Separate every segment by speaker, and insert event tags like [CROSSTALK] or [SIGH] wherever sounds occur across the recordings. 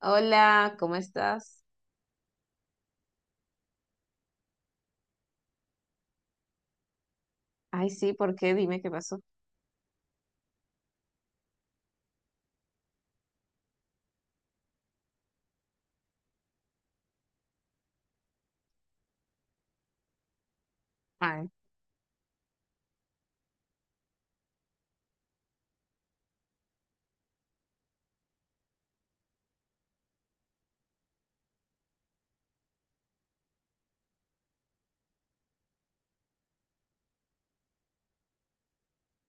Speaker 1: Hola, ¿cómo estás? Ay, sí, ¿por qué? Dime qué pasó. Ay,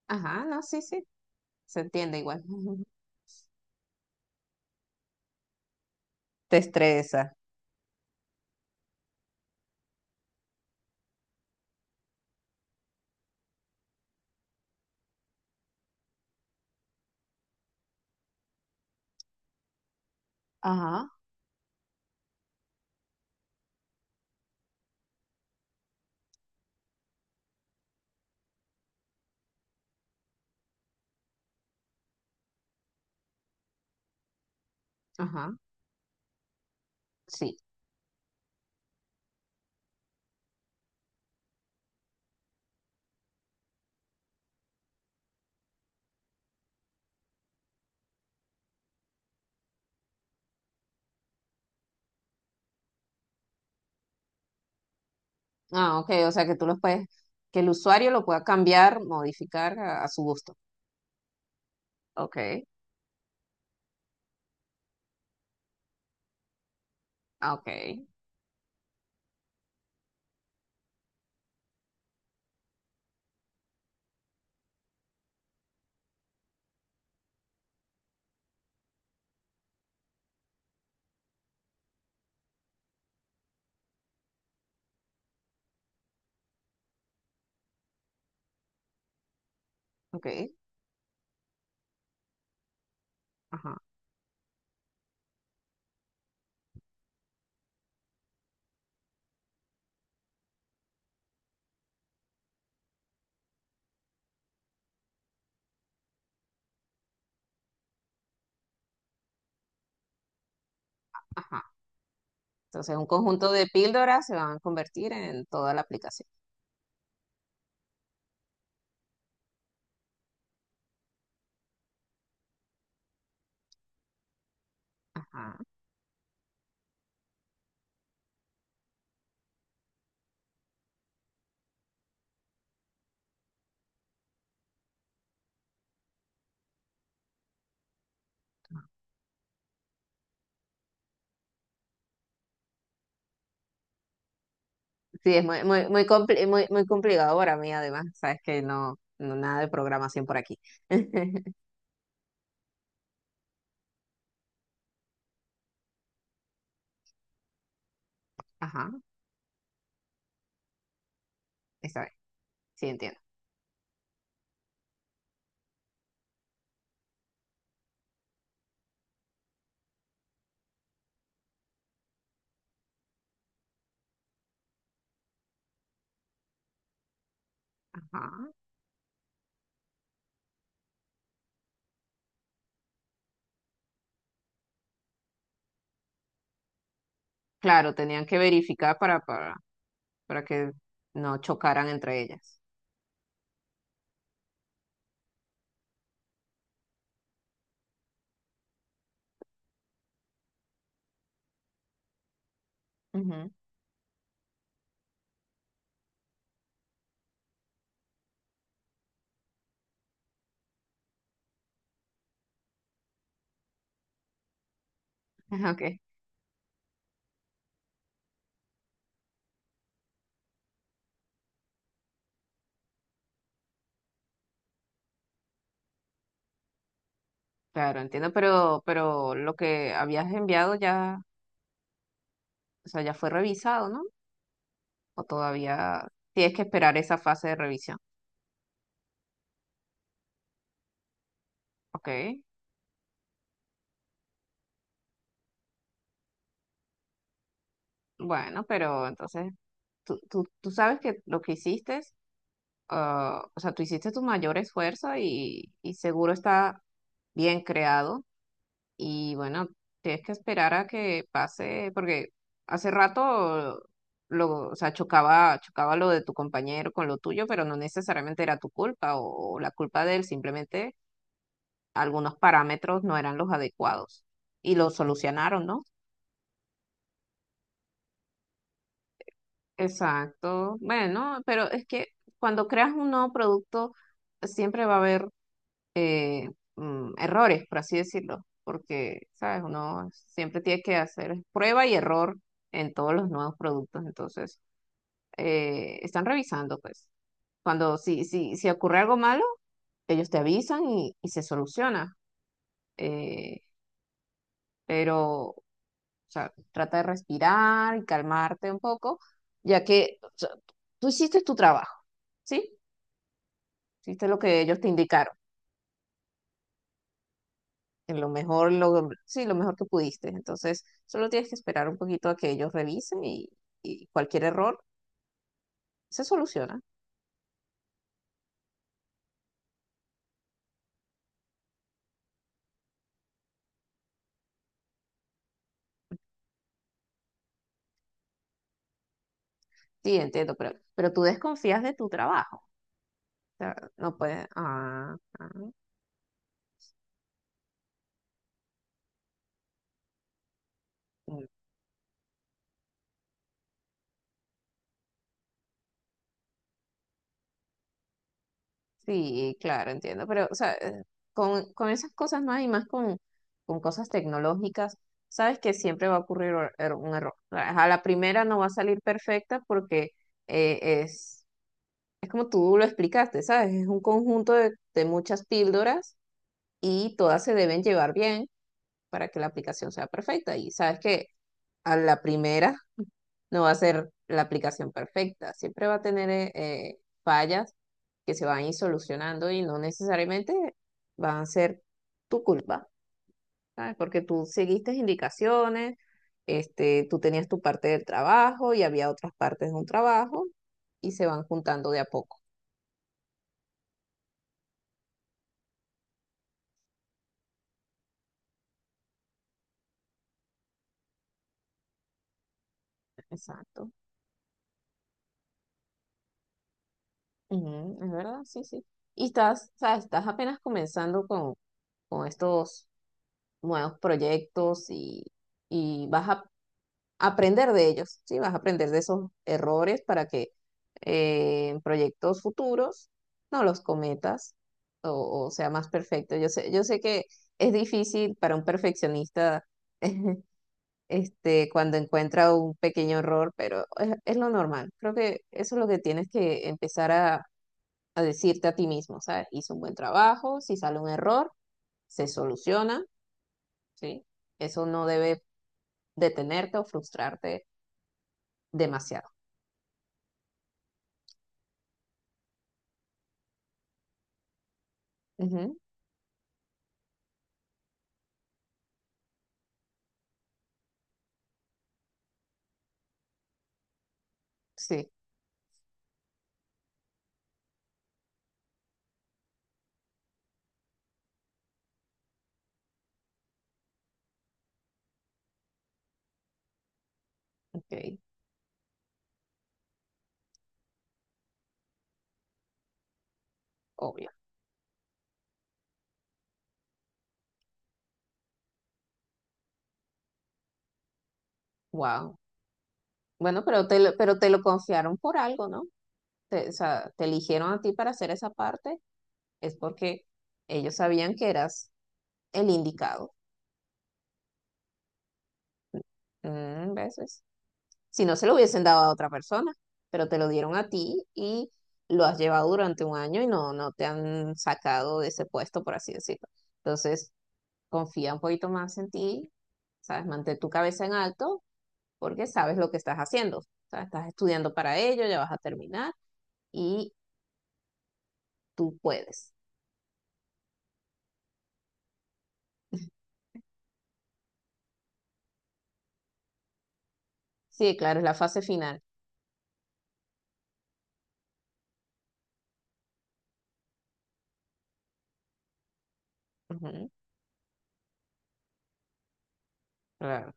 Speaker 1: ajá, no, sí, sí, se entiende igual. [LAUGHS] Te estresa. Ajá, ajá, sí. Ah, ok, o sea que tú los puedes, que el usuario lo pueda cambiar, modificar a su gusto. Ok, ah, ok, ok, ajá, ajá. Entonces, un conjunto de píldoras se van a convertir en toda la aplicación. Ajá. Sí, es muy, muy, muy, muy, muy complicado para mí, además. Sabes que no, no nada de programación por aquí. [LAUGHS] Ajá, sí, entiendo. Ajá. Claro, tenían que verificar para que no chocaran entre ellas. Ujú. [LAUGHS] Ok, claro, entiendo, pero lo que habías enviado ya, o sea, ya fue revisado, ¿no? O todavía tienes que esperar esa fase de revisión. Ok, bueno, pero entonces tú sabes que lo que hiciste, ah, o sea, tú hiciste tu mayor esfuerzo y seguro está bien creado. Y bueno, tienes que esperar a que pase, porque hace rato lo, o sea, chocaba, chocaba lo de tu compañero con lo tuyo, pero no necesariamente era tu culpa o la culpa de él, simplemente algunos parámetros no eran los adecuados y lo solucionaron, ¿no? Exacto. Bueno, pero es que cuando creas un nuevo producto, siempre va a haber eh, errores, por así decirlo, porque, ¿sabes? Uno siempre tiene que hacer prueba y error en todos los nuevos productos, entonces están revisando, pues. Cuando si ocurre algo malo, ellos te avisan y se soluciona, eh, pero, o sea, trata de respirar y calmarte un poco, ya que o sea, tú hiciste tu trabajo, ¿sí? Hiciste lo que ellos te indicaron en lo mejor, lo, sí, lo mejor que pudiste. Entonces, solo tienes que esperar un poquito a que ellos revisen y cualquier error se soluciona. Sí, entiendo, pero tú desconfías de tu trabajo. O sea, no puedes. Ah, ah, mm, sí, claro, entiendo. Pero, o sea, con esas cosas más y más con cosas tecnológicas, sabes que siempre va a ocurrir un error. A la primera no va a salir perfecta porque es. Es como tú lo explicaste, ¿sabes? Es un conjunto de muchas píldoras y todas se deben llevar bien para que la aplicación sea perfecta. Y sabes que a la primera no va a ser la aplicación perfecta, siempre va a tener fallas que se van a ir solucionando y no necesariamente van a ser tu culpa, ¿sabes? Porque tú seguiste indicaciones, este, tú tenías tu parte del trabajo y había otras partes de un trabajo y se van juntando de a poco. Exacto. Ujú, es verdad, sí, sí. Y estás, sabes estás apenas comenzando con estos nuevos proyectos y vas a aprender de ellos, sí, vas a aprender de esos errores para que en proyectos futuros no los cometas o sea más perfecto. Yo sé que es difícil para un perfeccionista [LAUGHS] este, cuando encuentra un pequeño error, pero es lo normal. Creo que eso es lo que tienes que empezar a decirte a ti mismo, ¿sabes? Hice un buen trabajo, si sale un error, se soluciona, ¿sí? Eso no debe detenerte o frustrarte demasiado. Ujú, sí, ok, obvio. Wow. Bueno, pero te, pero te lo confiaron por algo, ¿no? Te, o sea, te eligieron a ti para hacer esa parte, es porque ellos sabían que eras el indicado. Mm, ¿ves? Si no, se lo hubiesen dado a otra persona, pero te lo dieron a ti y lo has llevado durante un año y no, no te han sacado de ese puesto, por así decirlo. Entonces, confía un poquito más en ti, ¿sabes? Mantén tu cabeza en alto porque sabes lo que estás haciendo. O sea, estás estudiando para ello, ya vas a terminar y tú puedes. Sí, claro, es la fase final. Ujú, claro.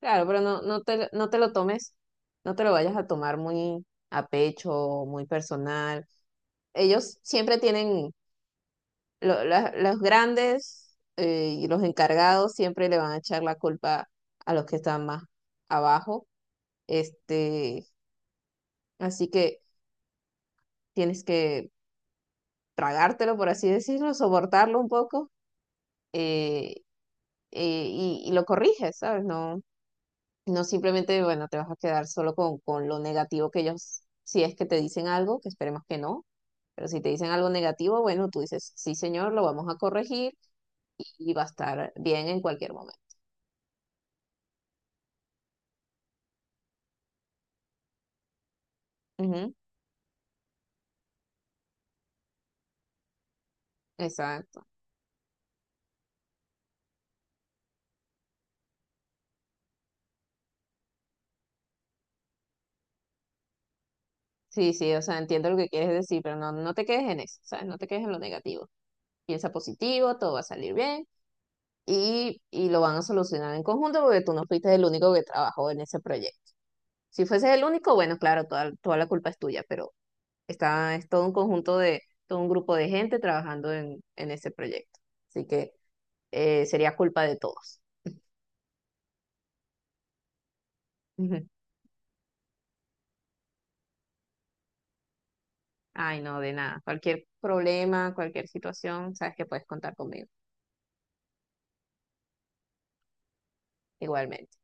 Speaker 1: Claro, pero no, no te, no te lo tomes, no te lo vayas a tomar muy a pecho, muy personal. Ellos siempre tienen los grandes y los encargados siempre le van a echar la culpa a los que están más abajo. Este, así que tienes que tragártelo, por así decirlo, soportarlo un poco eh, y lo corriges, ¿sabes? No, no simplemente, bueno, te vas a quedar solo con lo negativo que ellos, si es que te dicen algo, que esperemos que no. Pero si te dicen algo negativo, bueno, tú dices, sí, señor, lo vamos a corregir y va a estar bien en cualquier momento. Ujú. Exacto. Sí, sí, o sea, entiendo lo que quieres decir, pero no, no te quedes en eso, ¿sabes? No te quedes en lo negativo. Piensa positivo, todo va a salir bien y lo van a solucionar en conjunto porque tú no fuiste el único que trabajó en ese proyecto. Si fueses el único, bueno, claro, toda, toda la culpa es tuya, pero está, es todo un conjunto de, todo un grupo de gente trabajando en ese proyecto. Así que sería culpa de todos. [LAUGHS] Ujú. Ay, no, de nada. Cualquier problema, cualquier situación, sabes que puedes contar conmigo, igualmente.